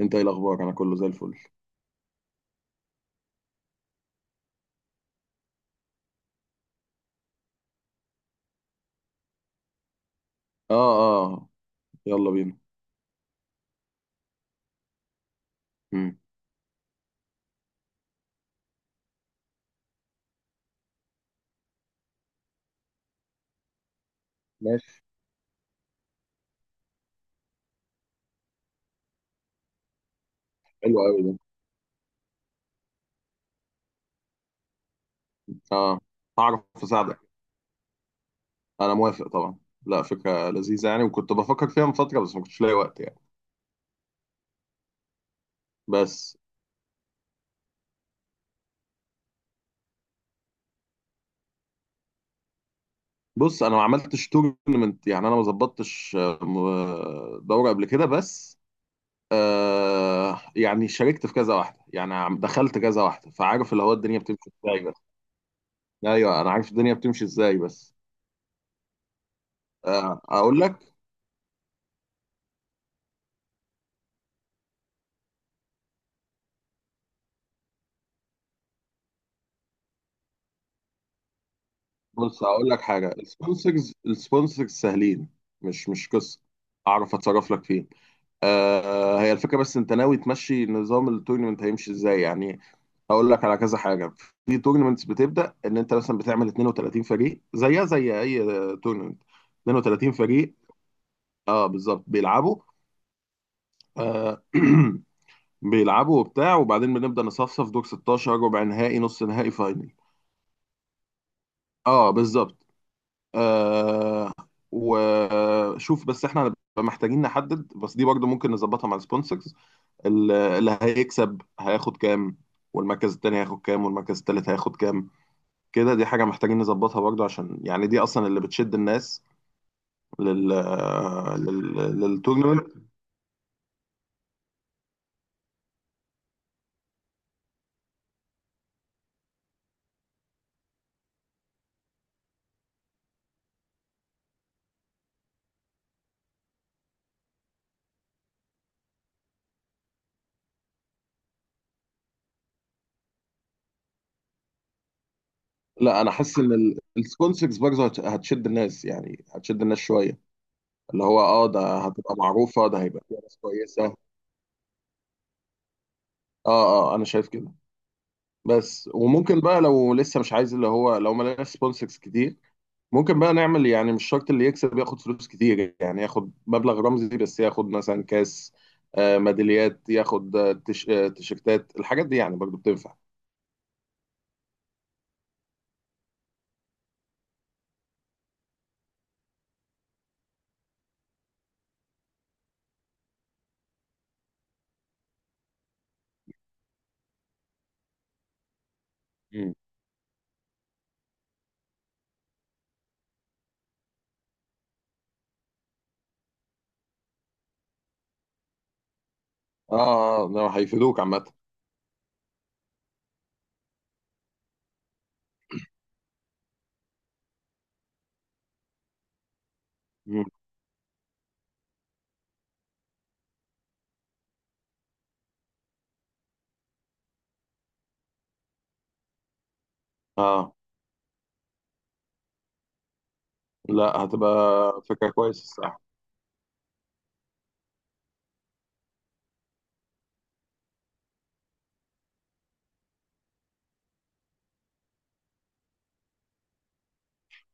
انت ايه الاخبار؟ انا كله زي الفل. اه، اه، يلا بينا. امم. ماشي. حلو قوي ده. اه، هعرف اساعدك. انا موافق طبعا. لا، فكره لذيذه يعني، وكنت بفكر فيها من فتره بس ما كنتش لاقي وقت يعني. بس. بص، انا ما عملتش تورنمنت، يعني انا ما ظبطتش دوره قبل كده، بس. يعني شاركت في كذا واحده، يعني دخلت كذا واحده، فعارف اللي هو الدنيا بتمشي ازاي، بس. ايوه، انا عارف الدنيا بتمشي ازاي، بس. اقول لك. بص، هقول لك حاجه. السبونسرز سهلين. مش قصه. اعرف اتصرف لك فيهم. هي الفكره، بس انت ناوي تمشي نظام التورنمنت، هيمشي ازاي يعني؟ هقول لك على كذا حاجه. في تورنمنتس بتبدا ان انت مثلا بتعمل 32 فريق زيها زي اي تورنمنت. 32 فريق. اه بالظبط، بيلعبوا. آه بيلعبوا وبتاع، وبعدين بنبدا نصفصف: دور 16، ربع نهائي، نص نهائي، فاينل. اه بالظبط. آه وشوف بس، احنا هنبقى محتاجين نحدد، بس دي برضو ممكن نظبطها مع السبونسرز. اللي هيكسب هياخد كام؟ والمركز التاني هياخد كام؟ والمركز التالت هياخد كام؟ كده، دي حاجة محتاجين نظبطها برضو، عشان يعني دي أصلا اللي بتشد الناس لل آه، لل للتورنمنت. لا، أنا حاسس إن السبونسرز برضو هتشد الناس، يعني هتشد الناس شوية. اللي هو ده هتبقى معروفة، ده هيبقى فيها ناس كويسة. اه، اه، أنا شايف كده. بس وممكن بقى، لو لسه مش عايز، اللي هو لو ما لقاش سبونسرز كتير، ممكن بقى نعمل يعني مش شرط اللي يكسب ياخد فلوس كتير، يعني ياخد مبلغ رمزي بس، ياخد مثلا كاس، ميداليات، ياخد تيشيرتات، الحاجات دي يعني برضو بتنفع. مم. اه، اه، لا، هيفيدوك عامة. مم. اه، لا، هتبقى فكرة كويسة الصراحة.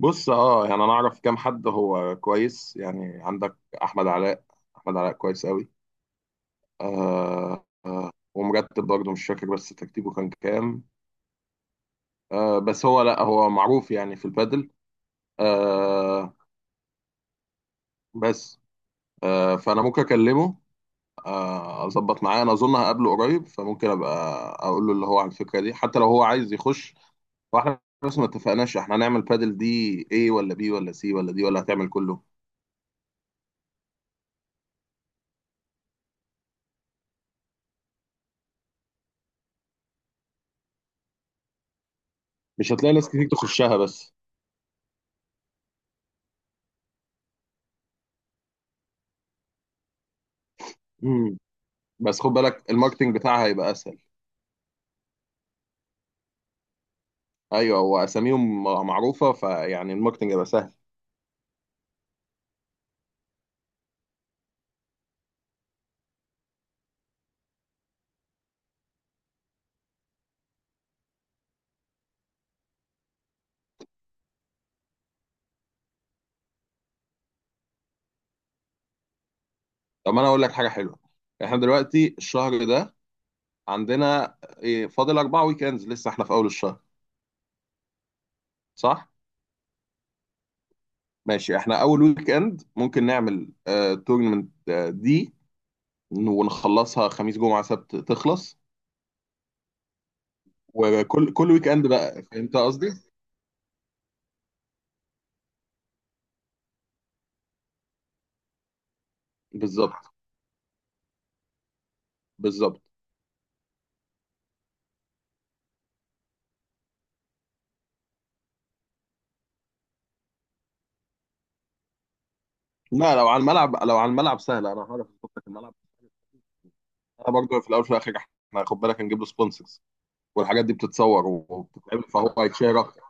بص، اه يعني انا اعرف كام حد هو كويس يعني عندك. احمد علاء. احمد علاء كويس قوي. ومرتب برضه، مش فاكر بس ترتيبه كان كام. بس هو، لا، هو معروف يعني في البادل. آه بس. فأنا ممكن أكلمه، أظبط معاه. أنا أظن هقابله قريب، فممكن أبقى أقول له اللي هو على الفكرة دي، حتى لو هو عايز يخش. واحنا بس ما اتفقناش احنا هنعمل بادل دي A ولا B ولا C، ولا دي ولا هتعمل كله. مش هتلاقي ناس كتير تخشها، بس. مم. بس خد بالك الماركتينج بتاعها هيبقى أسهل. أيوه، وأساميهم معروفة، فيعني الماركتينج هيبقى سهل. طب ما انا اقول لك حاجه حلوه. احنا دلوقتي الشهر ده، عندنا فاضل اربع ويك اندز، لسه احنا في اول الشهر، صح؟ ماشي، احنا اول ويك اند ممكن نعمل تورنمنت دي، ونخلصها خميس، جمعه، سبت، تخلص. وكل ويك اند بقى. فهمت قصدي؟ بالظبط. بالظبط. لا، لو على الملعب سهله، انا هعرف اظبط لك الملعب. انا برضه في الاول وفي الاخر، احنا خد بالك هنجيب له سبونسرز، والحاجات دي بتتصور وبتتعمل، فهو هيتشهر اكتر.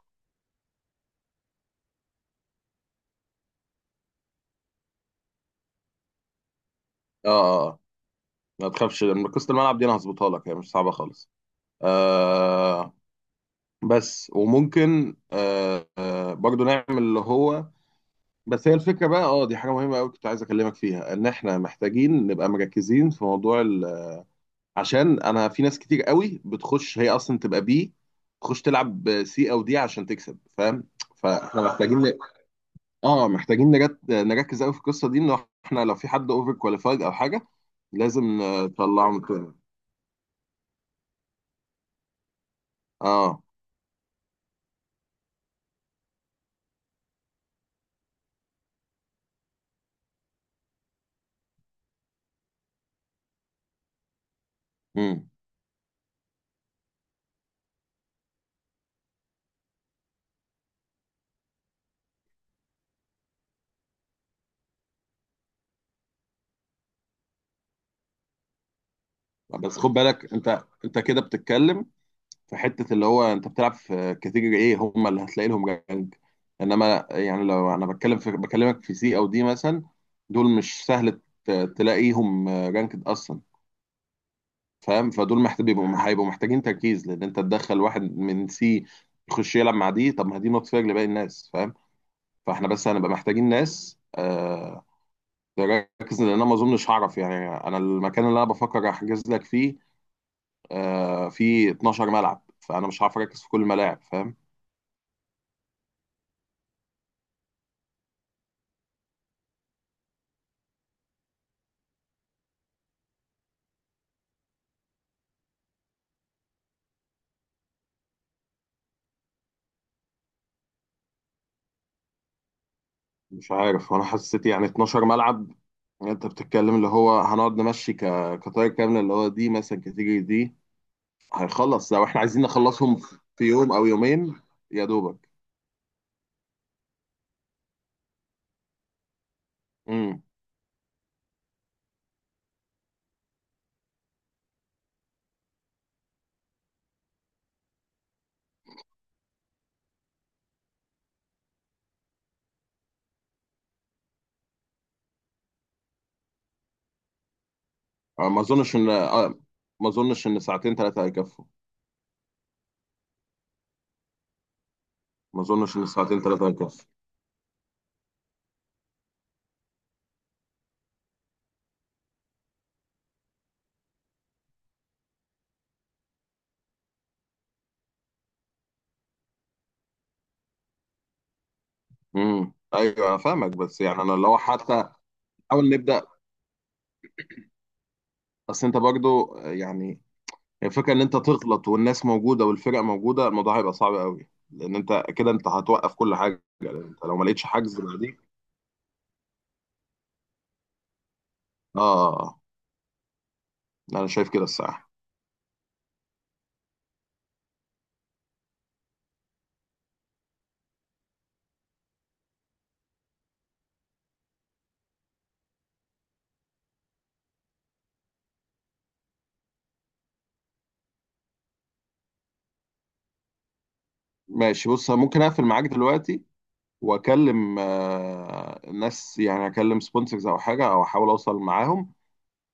اه، آه. آه. ما تخافش، لما قصة الملعب دي انا هظبطها لك، هي مش صعبة خالص. آه. بس وممكن برضو نعمل اللي هو. بس هي الفكرة بقى، دي حاجة مهمة قوي كنت عايز اكلمك فيها، ان احنا محتاجين نبقى مركزين في موضوع ال... عشان انا في ناس كتير قوي بتخش، هي اصلا تبقى بي، تخش تلعب سي او دي عشان تكسب. فاهم؟ فاحنا محتاجين. اه، محتاجين نركز قوي في القصة دي، ان احنا لو في حد اوفر كواليفايد او حاجة، لازم نطلعه من التورنمنت. اه، بس خد بالك، انت كده بتتكلم في حته اللي هو انت بتلعب في كاتيجوري ايه، هم اللي هتلاقي لهم جنج. انما يعني لو انا بتكلم في بكلمك في سي او دي مثلا، دول مش سهل تلاقيهم رانكد اصلا. فاهم؟ فدول محتاج هيبقوا محتاجين تركيز، لان انت تدخل واحد من سي يخش يلعب مع دي، طب ما دي نوت فير لباقي الناس. فاهم؟ فاحنا بس هنبقى محتاجين ناس. تركز، لان انا ما اظنش هعرف يعني. انا المكان اللي انا بفكر احجز لك فيه، في 12 ملعب، فانا مش عارف اركز في كل الملاعب. فاهم؟ مش عارف، انا حسيت يعني 12 ملعب. انت بتتكلم اللي هو هنقعد نمشي. كطاير كامله، اللي هو دي مثلا كاتيجوري دي، هيخلص لو احنا عايزين نخلصهم في يوم او يومين، يا دوبك. امم. آه، ما اظنش ان آه، ما اظنش ان ساعتين ثلاثه هيكفوا. ما اظنش ان ساعتين ثلاثه هيكفوا. امم، ايوه، أنا فاهمك، بس يعني انا لو حتى حاول نبدا. بس انت برضو يعني الفكره ان انت تغلط والناس موجوده والفرق موجوده، الموضوع هيبقى صعب قوي، لان انت كده انت هتوقف كل حاجه، لان انت لو ما لقيتش حجز بعدين. اه. آه. انا شايف كده الساعه. ماشي، بص أنا ممكن اقفل معاك دلوقتي، واكلم ناس، يعني اكلم سبونسرز او حاجه، او احاول اوصل معاهم.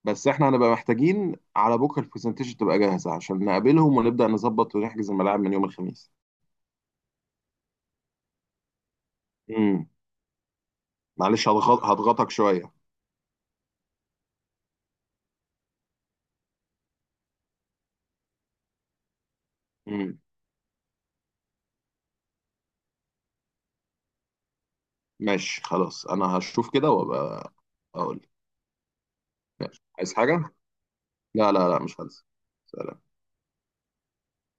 بس احنا هنبقى محتاجين على بكره البرزنتيشن تبقى جاهزه، عشان نقابلهم ونبدا نظبط ونحجز الملاعب من يوم الخميس. امم. معلش، هضغطك شويه. امم. ماشي، خلاص، انا هشوف كده وابقى اقول. ماشي، عايز حاجة؟ لا، لا، لا، مش هنسى. سلام.